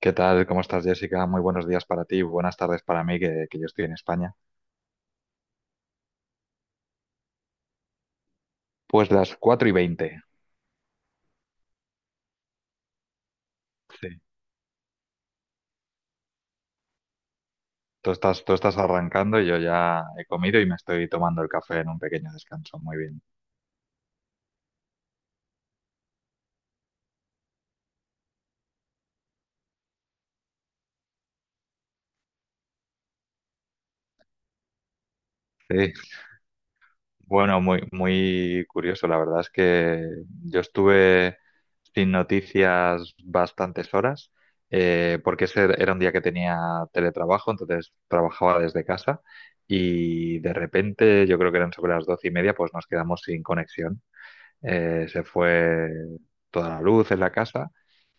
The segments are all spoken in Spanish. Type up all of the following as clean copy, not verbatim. ¿Qué tal? ¿Cómo estás, Jessica? Muy buenos días para ti, buenas tardes para mí, que yo estoy en España. Pues las 4:20. Sí. Tú estás arrancando, yo ya he comido y me estoy tomando el café en un pequeño descanso. Muy bien. Sí. Bueno, muy curioso. La verdad es que yo estuve sin noticias bastantes horas, porque ese era un día que tenía teletrabajo, entonces trabajaba desde casa y de repente, yo creo que eran sobre las 12:30, pues nos quedamos sin conexión. Se fue toda la luz en la casa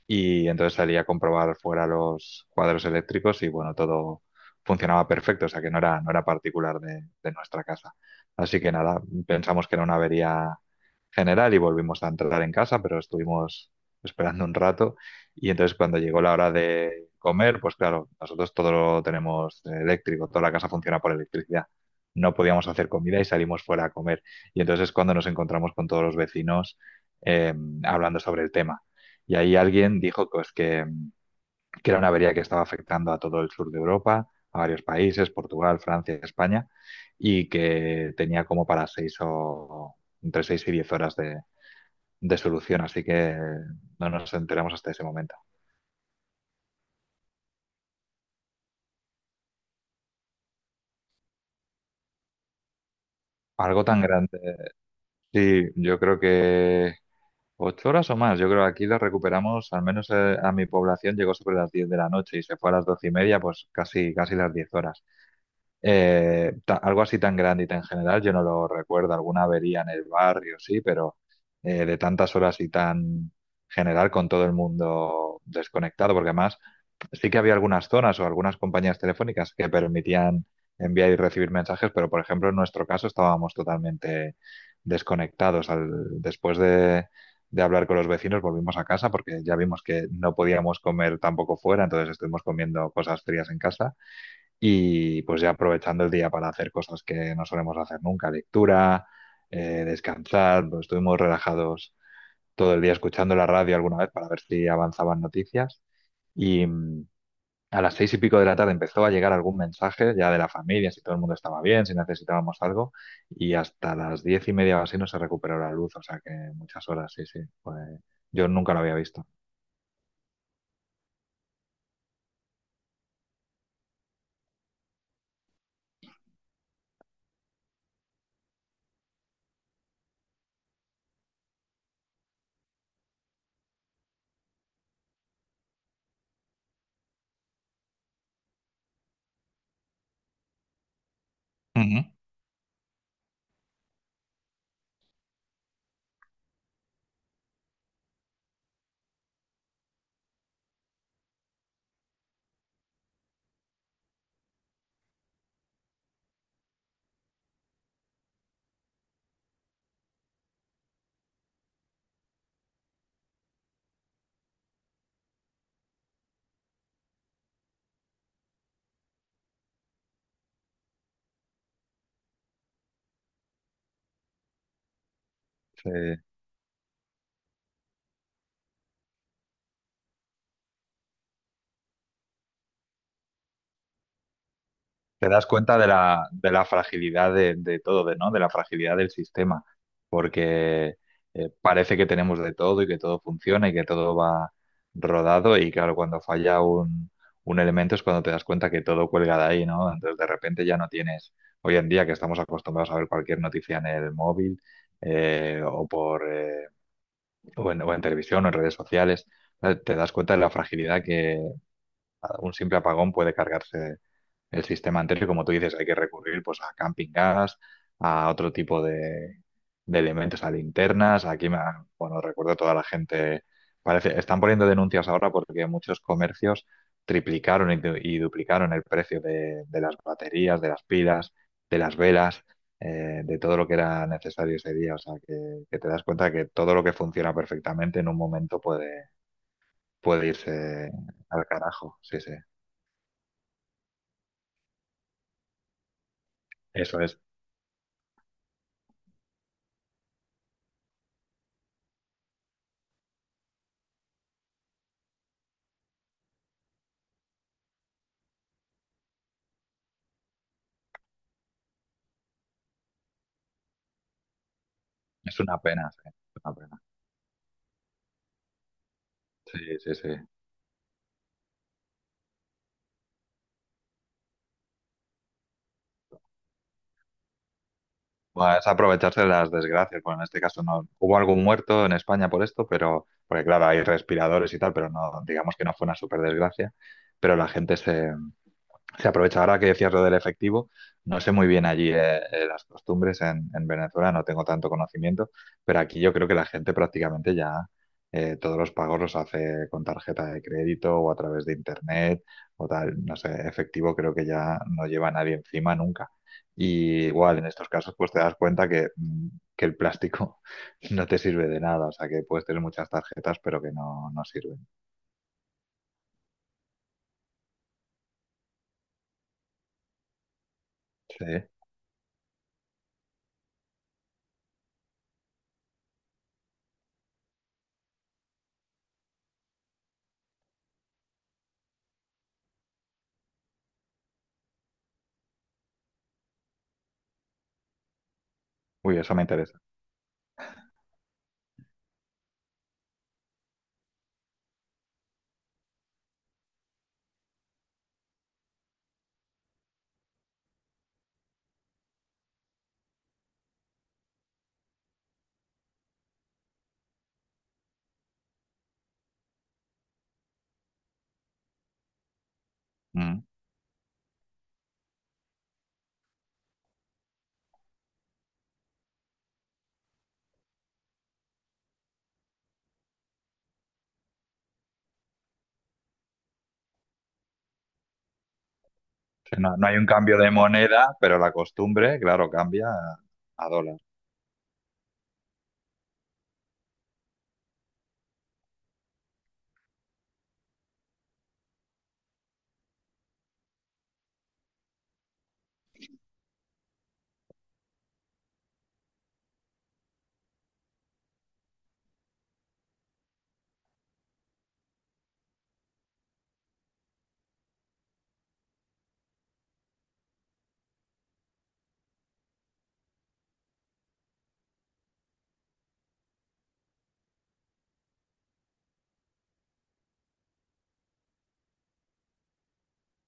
y entonces salí a comprobar fuera los cuadros eléctricos y bueno, todo funcionaba perfecto, o sea que no era particular de nuestra casa. Así que nada, pensamos que era una avería general y volvimos a entrar en casa, pero estuvimos esperando un rato y entonces cuando llegó la hora de comer, pues claro, nosotros todo lo tenemos eléctrico, toda la casa funciona por electricidad. No podíamos hacer comida y salimos fuera a comer. Y entonces es cuando nos encontramos con todos los vecinos eh, hablando sobre el tema y ahí alguien dijo pues, que era una avería que estaba afectando a todo el sur de Europa, a varios países, Portugal, Francia, España, y que tenía como para 6 o entre 6 y 10 horas de solución, así que no nos enteramos hasta ese momento. Algo tan grande. Sí, yo creo que 8 horas o más. Yo creo que aquí lo recuperamos, al menos a mi población llegó sobre las 10 de la noche y se fue a las 12:30, pues casi las 10 horas. Algo así tan grande y tan general, yo no lo recuerdo. Alguna avería en el barrio, sí, pero de tantas horas y tan general con todo el mundo desconectado, porque además sí que había algunas zonas o algunas compañías telefónicas que permitían enviar y recibir mensajes, pero por ejemplo en nuestro caso estábamos totalmente desconectados. Después de hablar con los vecinos volvimos a casa porque ya vimos que no podíamos comer tampoco fuera, entonces estuvimos comiendo cosas frías en casa y pues ya aprovechando el día para hacer cosas que no solemos hacer nunca, lectura, descansar, pues estuvimos relajados todo el día escuchando la radio alguna vez para ver si avanzaban noticias y a las 6 y pico de la tarde empezó a llegar algún mensaje ya de la familia, si todo el mundo estaba bien, si necesitábamos algo y hasta las 10:30 o así no se recuperó la luz, o sea que muchas horas, sí, sí. Yo nunca lo había visto. Ujú. Sí, te das cuenta de de la fragilidad de todo, de, ¿no? De la fragilidad del sistema, porque parece que tenemos de todo y que todo funciona y que todo va rodado y claro, cuando falla un elemento es cuando te das cuenta que todo cuelga de ahí, ¿no? Entonces de repente ya no tienes, hoy en día que estamos acostumbrados a ver cualquier noticia en el móvil eh, o, por, eh, o en televisión o en redes sociales, te das cuenta de la fragilidad un simple apagón puede cargarse el sistema entero y como tú dices, hay que recurrir pues a camping gas, a otro tipo de elementos, a linternas. Bueno, recuerdo a toda la gente, parece, están poniendo denuncias ahora porque muchos comercios y duplicaron el precio de las baterías, de las pilas, de las velas. De todo lo que era necesario ese día, o sea que te das cuenta que todo lo que funciona perfectamente en un momento puede irse al carajo, sí, sí. Eso es una pena, sí, es una pena. Sí, sí, sí. Bueno, es aprovecharse de las desgracias. Bueno, en este caso no hubo algún muerto en España por esto, pero porque claro, hay respiradores y tal, pero no, digamos que no fue una super desgracia. Pero la gente se, Se aprovecha ahora que decías lo del efectivo. No sé muy bien allí las costumbres en Venezuela, no tengo tanto conocimiento, pero aquí yo creo que la gente prácticamente ya todos los pagos los hace con tarjeta de crédito o a través de internet o tal. No sé, efectivo creo que ya no lleva nadie encima nunca. Y igual en estos casos pues te das cuenta que el plástico no te sirve de nada, o sea que puedes tener muchas tarjetas pero que no sirven. Sí. Uy, eso me interesa. Mm. No, no hay un cambio de moneda, pero la costumbre, claro, cambia a dólar.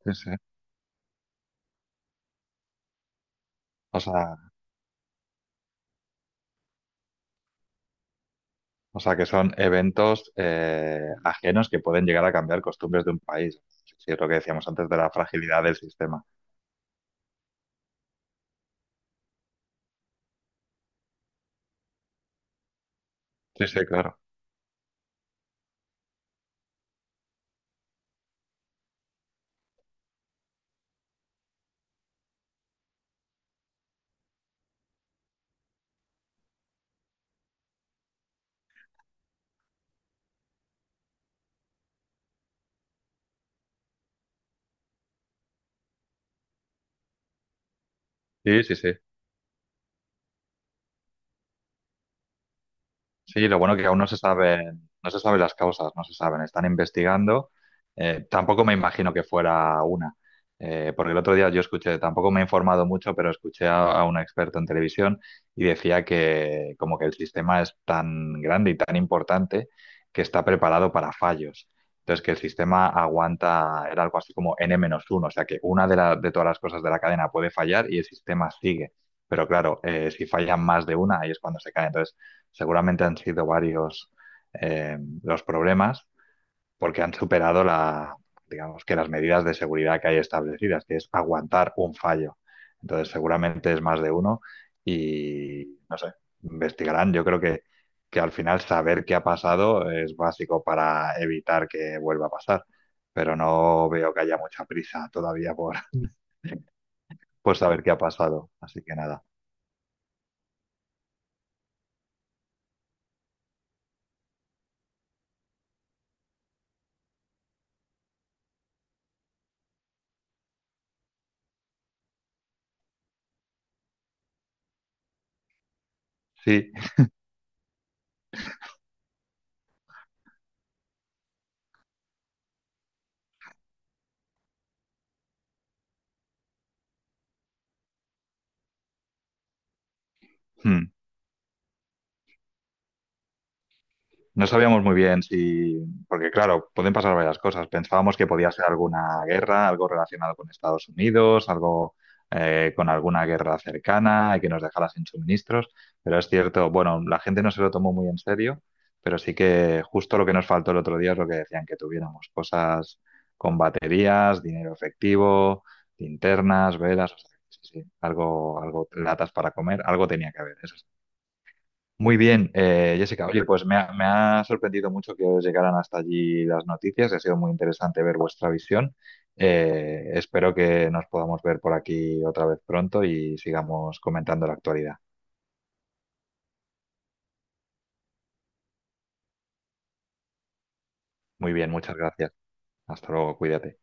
Sí, sí. O sea, o sea que son eventos ajenos que pueden llegar a cambiar costumbres de un país. Sí, sí, es lo que decíamos antes de la fragilidad del sistema. Sí, sí, claro. Sí, sí, sí. Sí, lo bueno que aún no se saben, no se saben las causas, no se saben, están investigando. Tampoco me imagino que fuera una, Porque el otro día yo escuché, tampoco me he informado mucho, pero escuché a un experto en televisión y decía que como que el sistema es tan grande y tan importante que está preparado para fallos. Entonces, que el sistema aguanta, era algo así como n uno, o sea que una de todas las cosas de la cadena puede fallar y el sistema sigue. Pero claro, si fallan más de una, ahí es cuando se cae. Entonces, seguramente han sido varios los problemas porque han superado digamos que las medidas de seguridad que hay establecidas, que es aguantar un fallo. Entonces, seguramente es más de uno y no sé, investigarán. Yo creo que al final saber qué ha pasado es básico para evitar que vuelva a pasar, pero no veo que haya mucha prisa todavía por, por saber qué ha pasado. Así que nada. Sí, hmm. No sabíamos muy bien si, porque claro, pueden pasar varias cosas. Pensábamos que podía ser alguna guerra, algo relacionado con Estados Unidos, algo con alguna guerra cercana y que nos dejara sin suministros, pero es cierto, bueno, la gente no se lo tomó muy en serio, pero sí que justo lo que nos faltó el otro día es lo que decían que tuviéramos, cosas con baterías, dinero efectivo, linternas, velas, o sea, sí, sí, algo, algo, latas para comer, algo tenía que haber, eso muy bien, Jessica. Oye, pues me ha sorprendido mucho que os llegaran hasta allí las noticias. Ha sido muy interesante ver vuestra visión. Espero que nos podamos ver por aquí otra vez pronto y sigamos comentando la actualidad. Muy bien, muchas gracias. Hasta luego, cuídate.